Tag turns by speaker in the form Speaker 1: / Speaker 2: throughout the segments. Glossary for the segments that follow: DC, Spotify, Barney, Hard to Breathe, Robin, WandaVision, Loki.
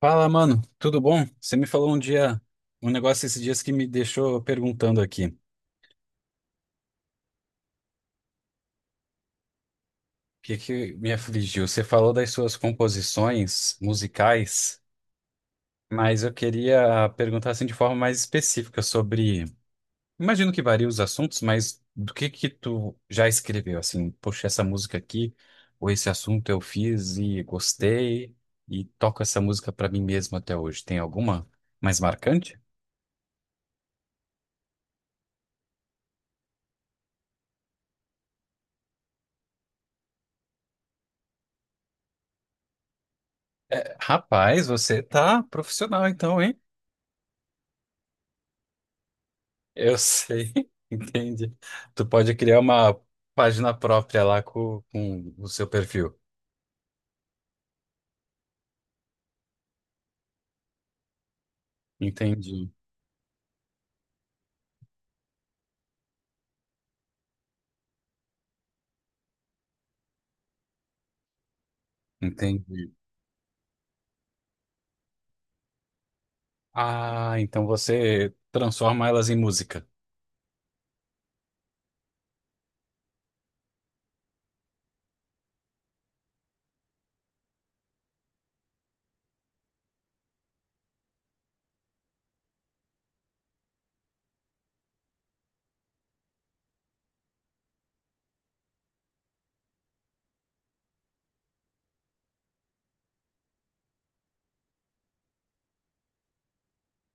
Speaker 1: Fala, mano, tudo bom? Você me falou um dia, um negócio esses dias que me deixou perguntando aqui. O que que me afligiu? Você falou das suas composições musicais, mas eu queria perguntar assim de forma mais específica imagino que varia os assuntos, mas do que tu já escreveu assim? Poxa, essa música aqui, ou esse assunto eu fiz e gostei e toco essa música pra mim mesmo até hoje. Tem alguma mais marcante? É, rapaz, você tá profissional então, hein? Eu sei, entendi. Tu pode criar uma página própria lá com o seu perfil. Entendi, entendi. Ah, então você transforma elas em música.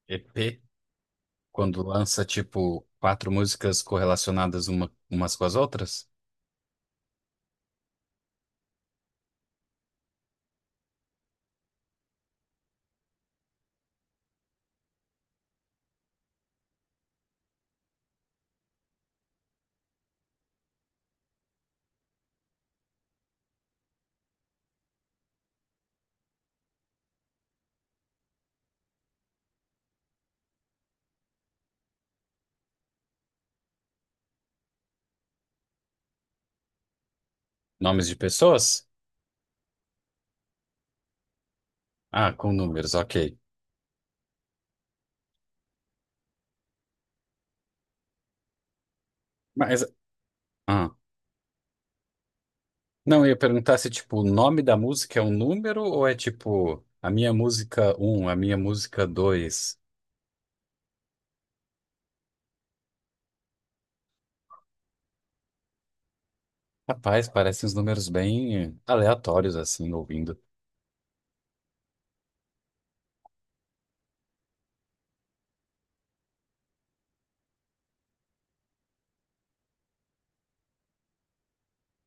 Speaker 1: EP, quando lança tipo quatro músicas correlacionadas umas com as outras? Nomes de pessoas? Ah, com números, ok. Mas, ah, não, eu ia perguntar se tipo o nome da música é um número ou é tipo a minha música um, a minha música 2. Rapaz, parecem uns números bem aleatórios, assim, ouvindo.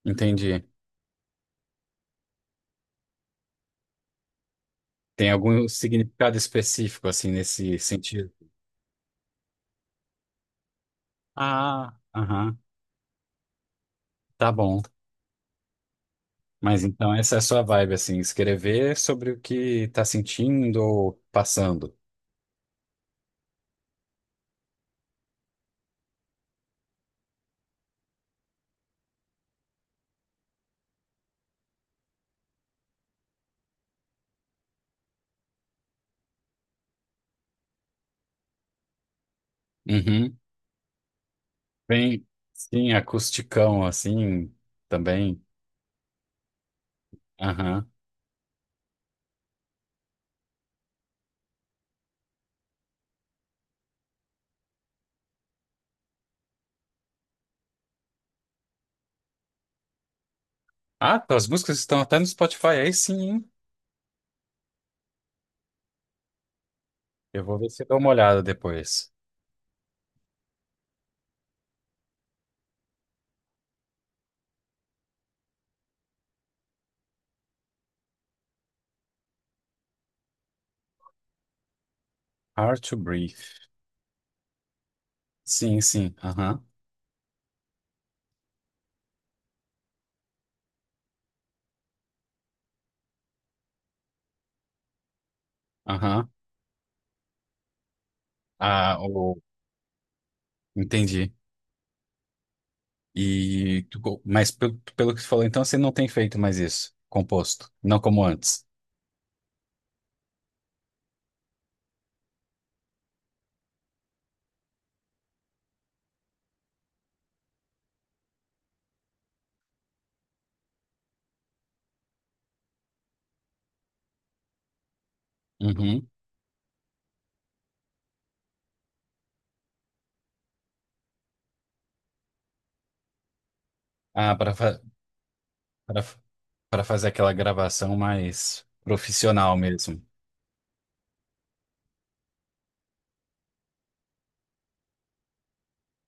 Speaker 1: Entendi. Tem algum significado específico, assim, nesse sentido? Ah, aham, tá bom. Mas então essa é a sua vibe, assim, escrever sobre o que tá sentindo ou passando. Uhum. Bem, sim, acusticão, assim, também. Aham. Ah, tuas músicas estão até no Spotify, aí sim, hein? Eu vou ver se eu dou uma olhada depois. Hard to Breathe. Sim, sim, aham, aham. Ah, entendi. E tu co- mas pelo que tu falou, então você não tem feito mais isso, composto, não como antes. Uhum. Ah, para fa para para fazer aquela gravação mais profissional mesmo.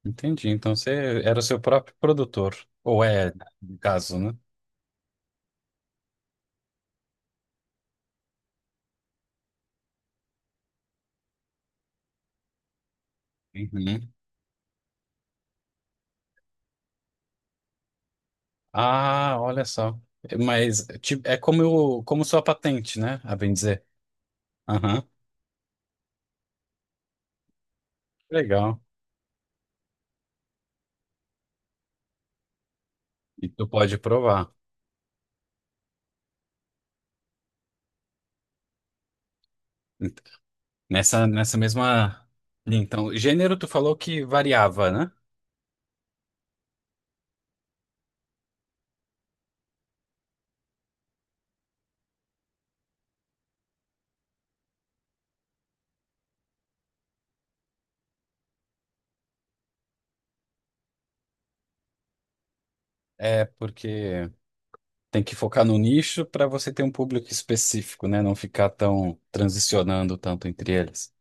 Speaker 1: Entendi. Então você era o seu próprio produtor, ou é, no caso, né? Uhum. Ah, olha só. Mas tipo, é como eu, como sua patente, né? A bem dizer. Aham. Legal. E tu pode provar. Nessa mesma linha. Então, gênero, tu falou que variava, né? É porque tem que focar no nicho para você ter um público específico, né? Não ficar tão transicionando tanto entre eles.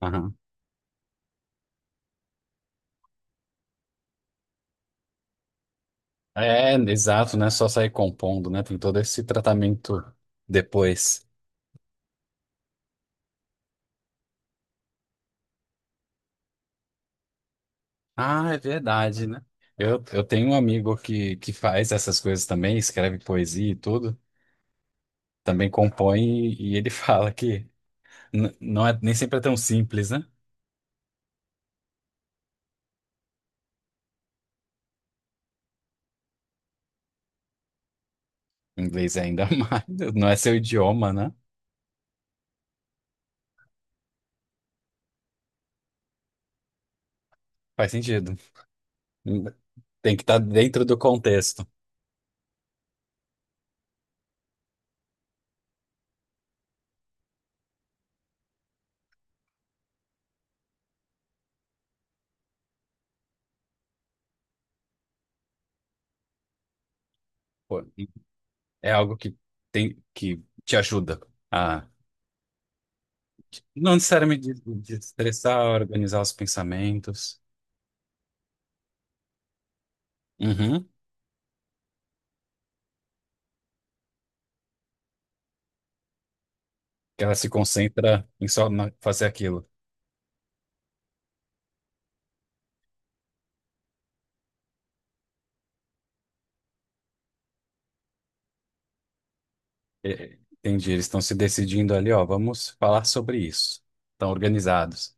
Speaker 1: Aham. É, exato, né? Só sair compondo, né? Tem todo esse tratamento depois. Ah, é verdade, né? Eu tenho um amigo que faz essas coisas também, escreve poesia e tudo, também compõe, e ele fala que n- não é, nem sempre é tão simples, né? Inglês ainda mais. Não é seu idioma, né? Faz sentido. Tem que estar dentro do contexto. Pô, é algo que tem que te ajuda a não necessariamente destressar, organizar os pensamentos. Uhum. Que ela se concentra em só na- fazer aquilo. É, é, entendi. Eles estão se decidindo ali, ó, vamos falar sobre isso. Estão organizados.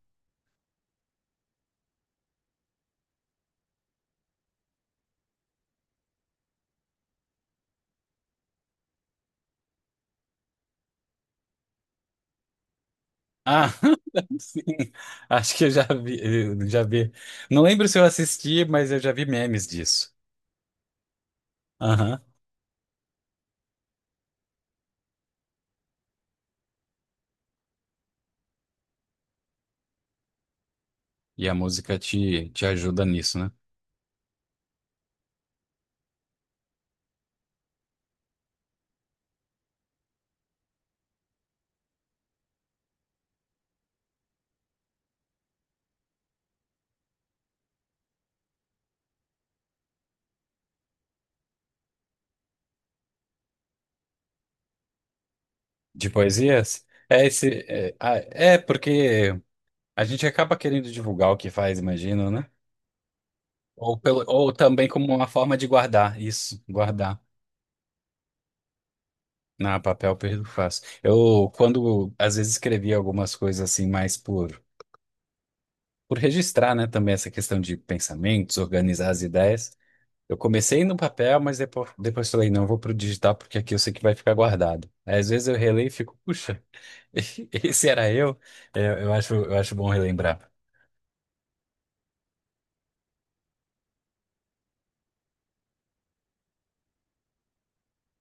Speaker 1: Ah, sim. Acho que eu já vi, eu já vi. Não lembro se eu assisti, mas eu já vi memes disso. Aham. E a música te ajuda nisso, né? De poesias? É esse. É, ah, é porque a gente acaba querendo divulgar o que faz, imagino, né? Ou, pelo, ou também como uma forma de guardar isso, guardar. Na papel, perdo fácil. Eu, quando às vezes escrevi algumas coisas assim, mais por registrar, né? Também essa questão de pensamentos, organizar as ideias. Eu comecei no papel, mas depois falei, não, eu vou pro digital porque aqui eu sei que vai ficar guardado. Aí, às vezes eu releio e fico, puxa, esse era eu. É, eu acho bom relembrar.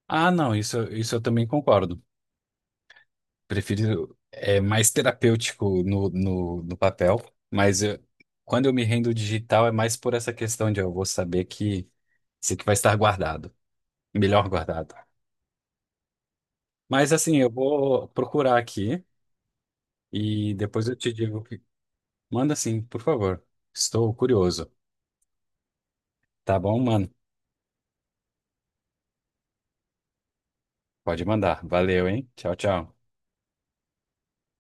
Speaker 1: Ah, não, isso eu também concordo. Prefiro, é mais terapêutico no papel, mas eu- quando eu me rendo digital é mais por essa questão de eu vou saber que sei que vai estar guardado, melhor guardado. Mas assim, eu vou procurar aqui e depois eu te digo. Manda sim, por favor. Estou curioso. Tá bom, mano? Pode mandar. Valeu, hein? Tchau, tchau.